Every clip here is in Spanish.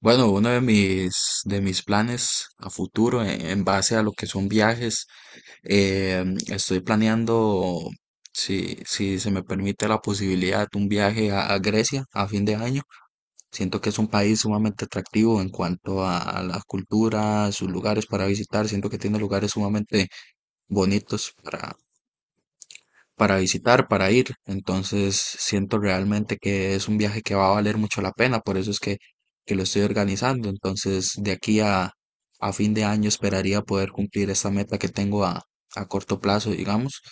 Bueno, uno de mis planes a futuro en base a lo que son viajes, estoy planeando, si se me permite la posibilidad, un viaje a Grecia a fin de año. Siento que es un país sumamente atractivo en cuanto a la cultura, sus lugares para visitar. Siento que tiene lugares sumamente bonitos para visitar, para ir. Entonces siento realmente que es un viaje que va a valer mucho la pena, por eso es que lo estoy organizando. Entonces de aquí a fin de año esperaría poder cumplir esa meta que tengo a corto plazo, digamos.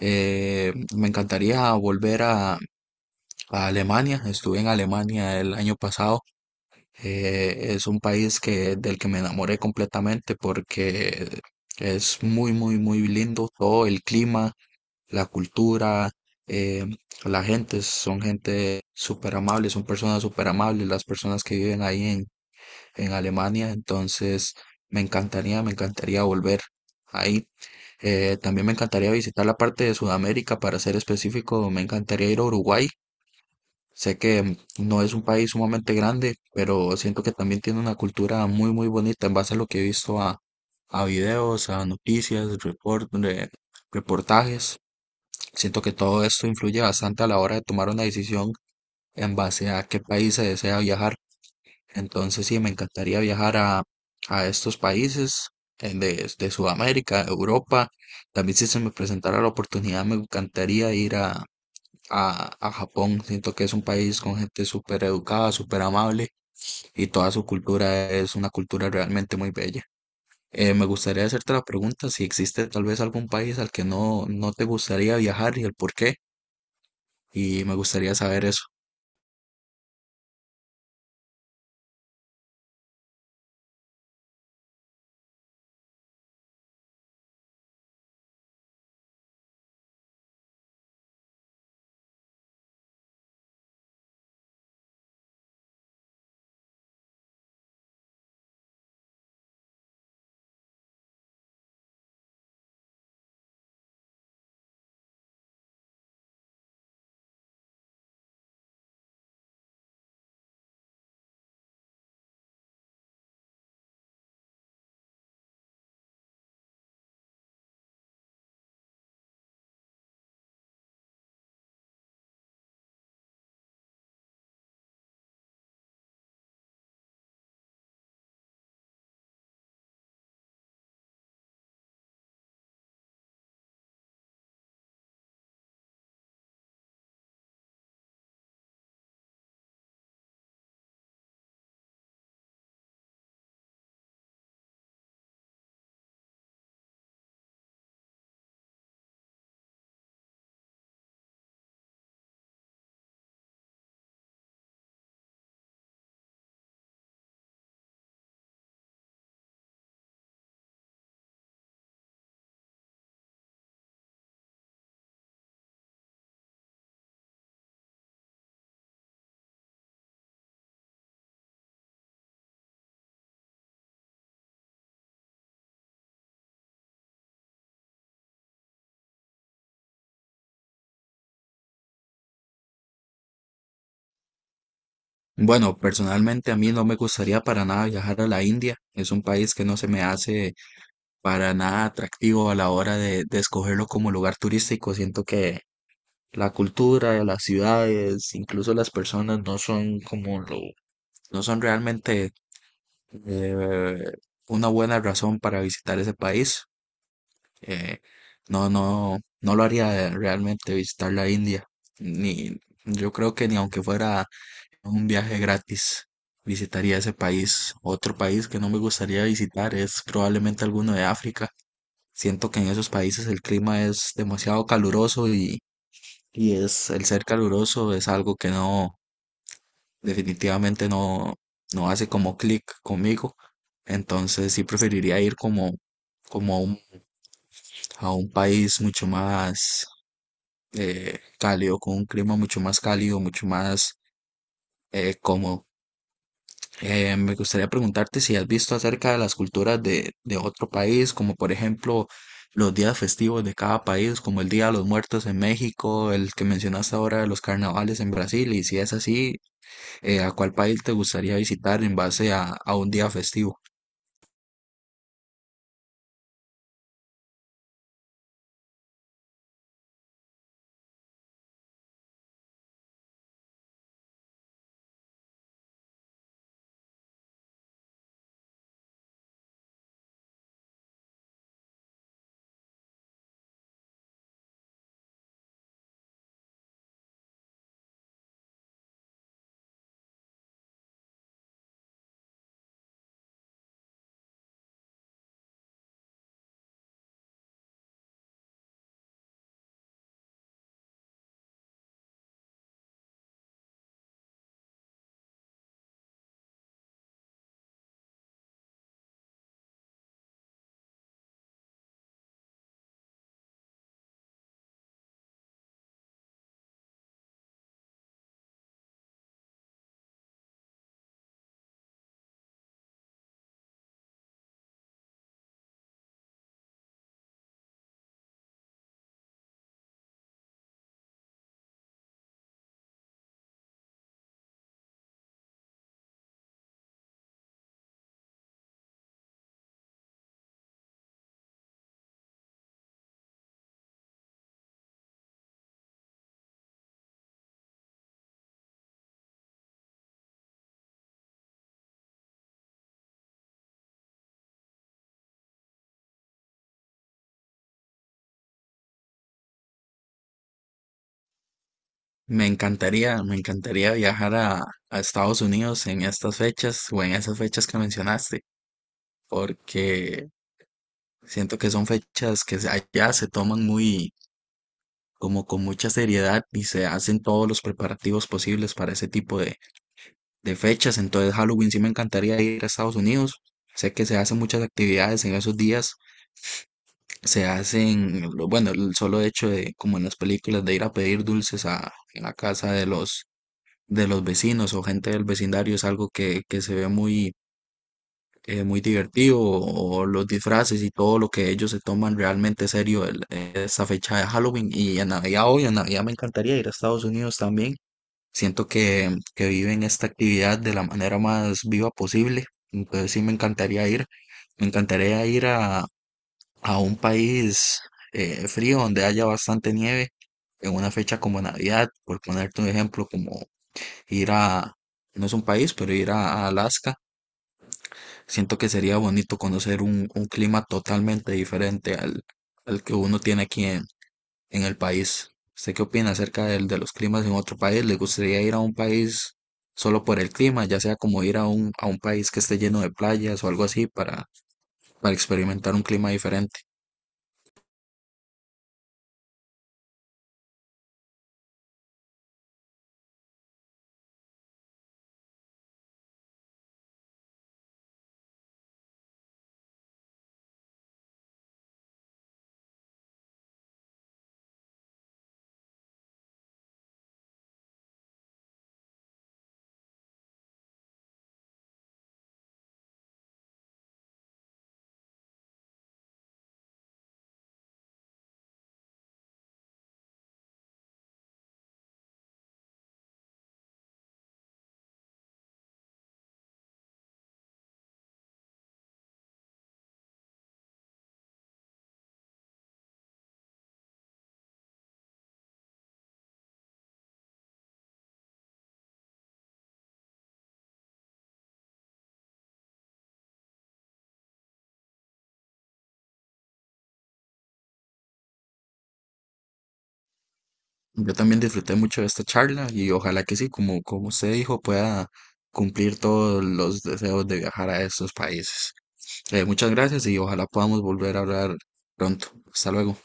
Me encantaría volver a Alemania. Estuve en Alemania el año pasado. Es un país que, del que me enamoré completamente porque es muy, muy, muy lindo. Todo el clima, la cultura, eh, la gente, son gente súper amable, son personas súper amables las personas que viven ahí en Alemania. Entonces me encantaría volver ahí. También me encantaría visitar la parte de Sudamérica. Para ser específico, me encantaría ir a Uruguay. Sé que no es un país sumamente grande, pero siento que también tiene una cultura muy, muy bonita en base a lo que he visto a videos, a noticias, reportajes. Siento que todo esto influye bastante a la hora de tomar una decisión en base a qué país se desea viajar. Entonces, sí, me encantaría viajar a estos países, de Sudamérica, Europa. También, si se me presentara la oportunidad, me encantaría ir a Japón. Siento que es un país con gente súper educada, súper amable y toda su cultura es una cultura realmente muy bella. Me gustaría hacerte la pregunta si existe tal vez algún país al que no te gustaría viajar y el por qué, y me gustaría saber eso. Bueno, personalmente a mí no me gustaría para nada viajar a la India. Es un país que no se me hace para nada atractivo a la hora de escogerlo como lugar turístico. Siento que la cultura, las ciudades, incluso las personas no son como no son realmente, eh, una buena razón para visitar ese país. Eh, no, no lo haría realmente, visitar la India. Ni, yo creo que ni aunque fuera un viaje gratis visitaría ese país. Otro país que no me gustaría visitar es probablemente alguno de África. Siento que en esos países el clima es demasiado caluroso, y es, el ser caluroso es algo que definitivamente no, no hace como clic conmigo. Entonces sí preferiría ir como a a un país mucho más cálido, con un clima mucho más cálido, mucho más cómodo. Me gustaría preguntarte si has visto acerca de las culturas de otro país, como por ejemplo los días festivos de cada país, como el Día de los Muertos en México, el que mencionaste ahora de los carnavales en Brasil, y si es así, ¿a cuál país te gustaría visitar en base a un día festivo? Me encantaría viajar a Estados Unidos en estas fechas o en esas fechas que mencionaste, porque siento que son fechas que allá se toman muy como con mucha seriedad y se hacen todos los preparativos posibles para ese tipo de fechas. Entonces, Halloween, sí me encantaría ir a Estados Unidos. Sé que se hacen muchas actividades en esos días. Se hacen, bueno, el solo hecho de, como en las películas, de ir a pedir dulces en la casa de de los vecinos o gente del vecindario, es algo que se ve muy, muy divertido. O los disfraces y todo lo que ellos se toman realmente serio, esa fecha de Halloween. Y en Navidad hoy, en Navidad me encantaría ir a Estados Unidos también. Siento que viven esta actividad de la manera más viva posible. Entonces sí me encantaría ir. Me encantaría ir a un país frío donde haya bastante nieve en una fecha como Navidad, por ponerte un ejemplo, como ir a, no es un país, pero ir a Alaska. Siento que sería bonito conocer un clima totalmente diferente al que uno tiene aquí en el país. ¿Usted qué opina acerca de los climas en otro país? ¿Le gustaría ir a un país solo por el clima, ya sea como ir a a un país que esté lleno de playas o algo así para experimentar un clima diferente? Yo también disfruté mucho de esta charla y ojalá que sí, como, como usted dijo, pueda cumplir todos los deseos de viajar a estos países. Muchas gracias y ojalá podamos volver a hablar pronto. Hasta luego.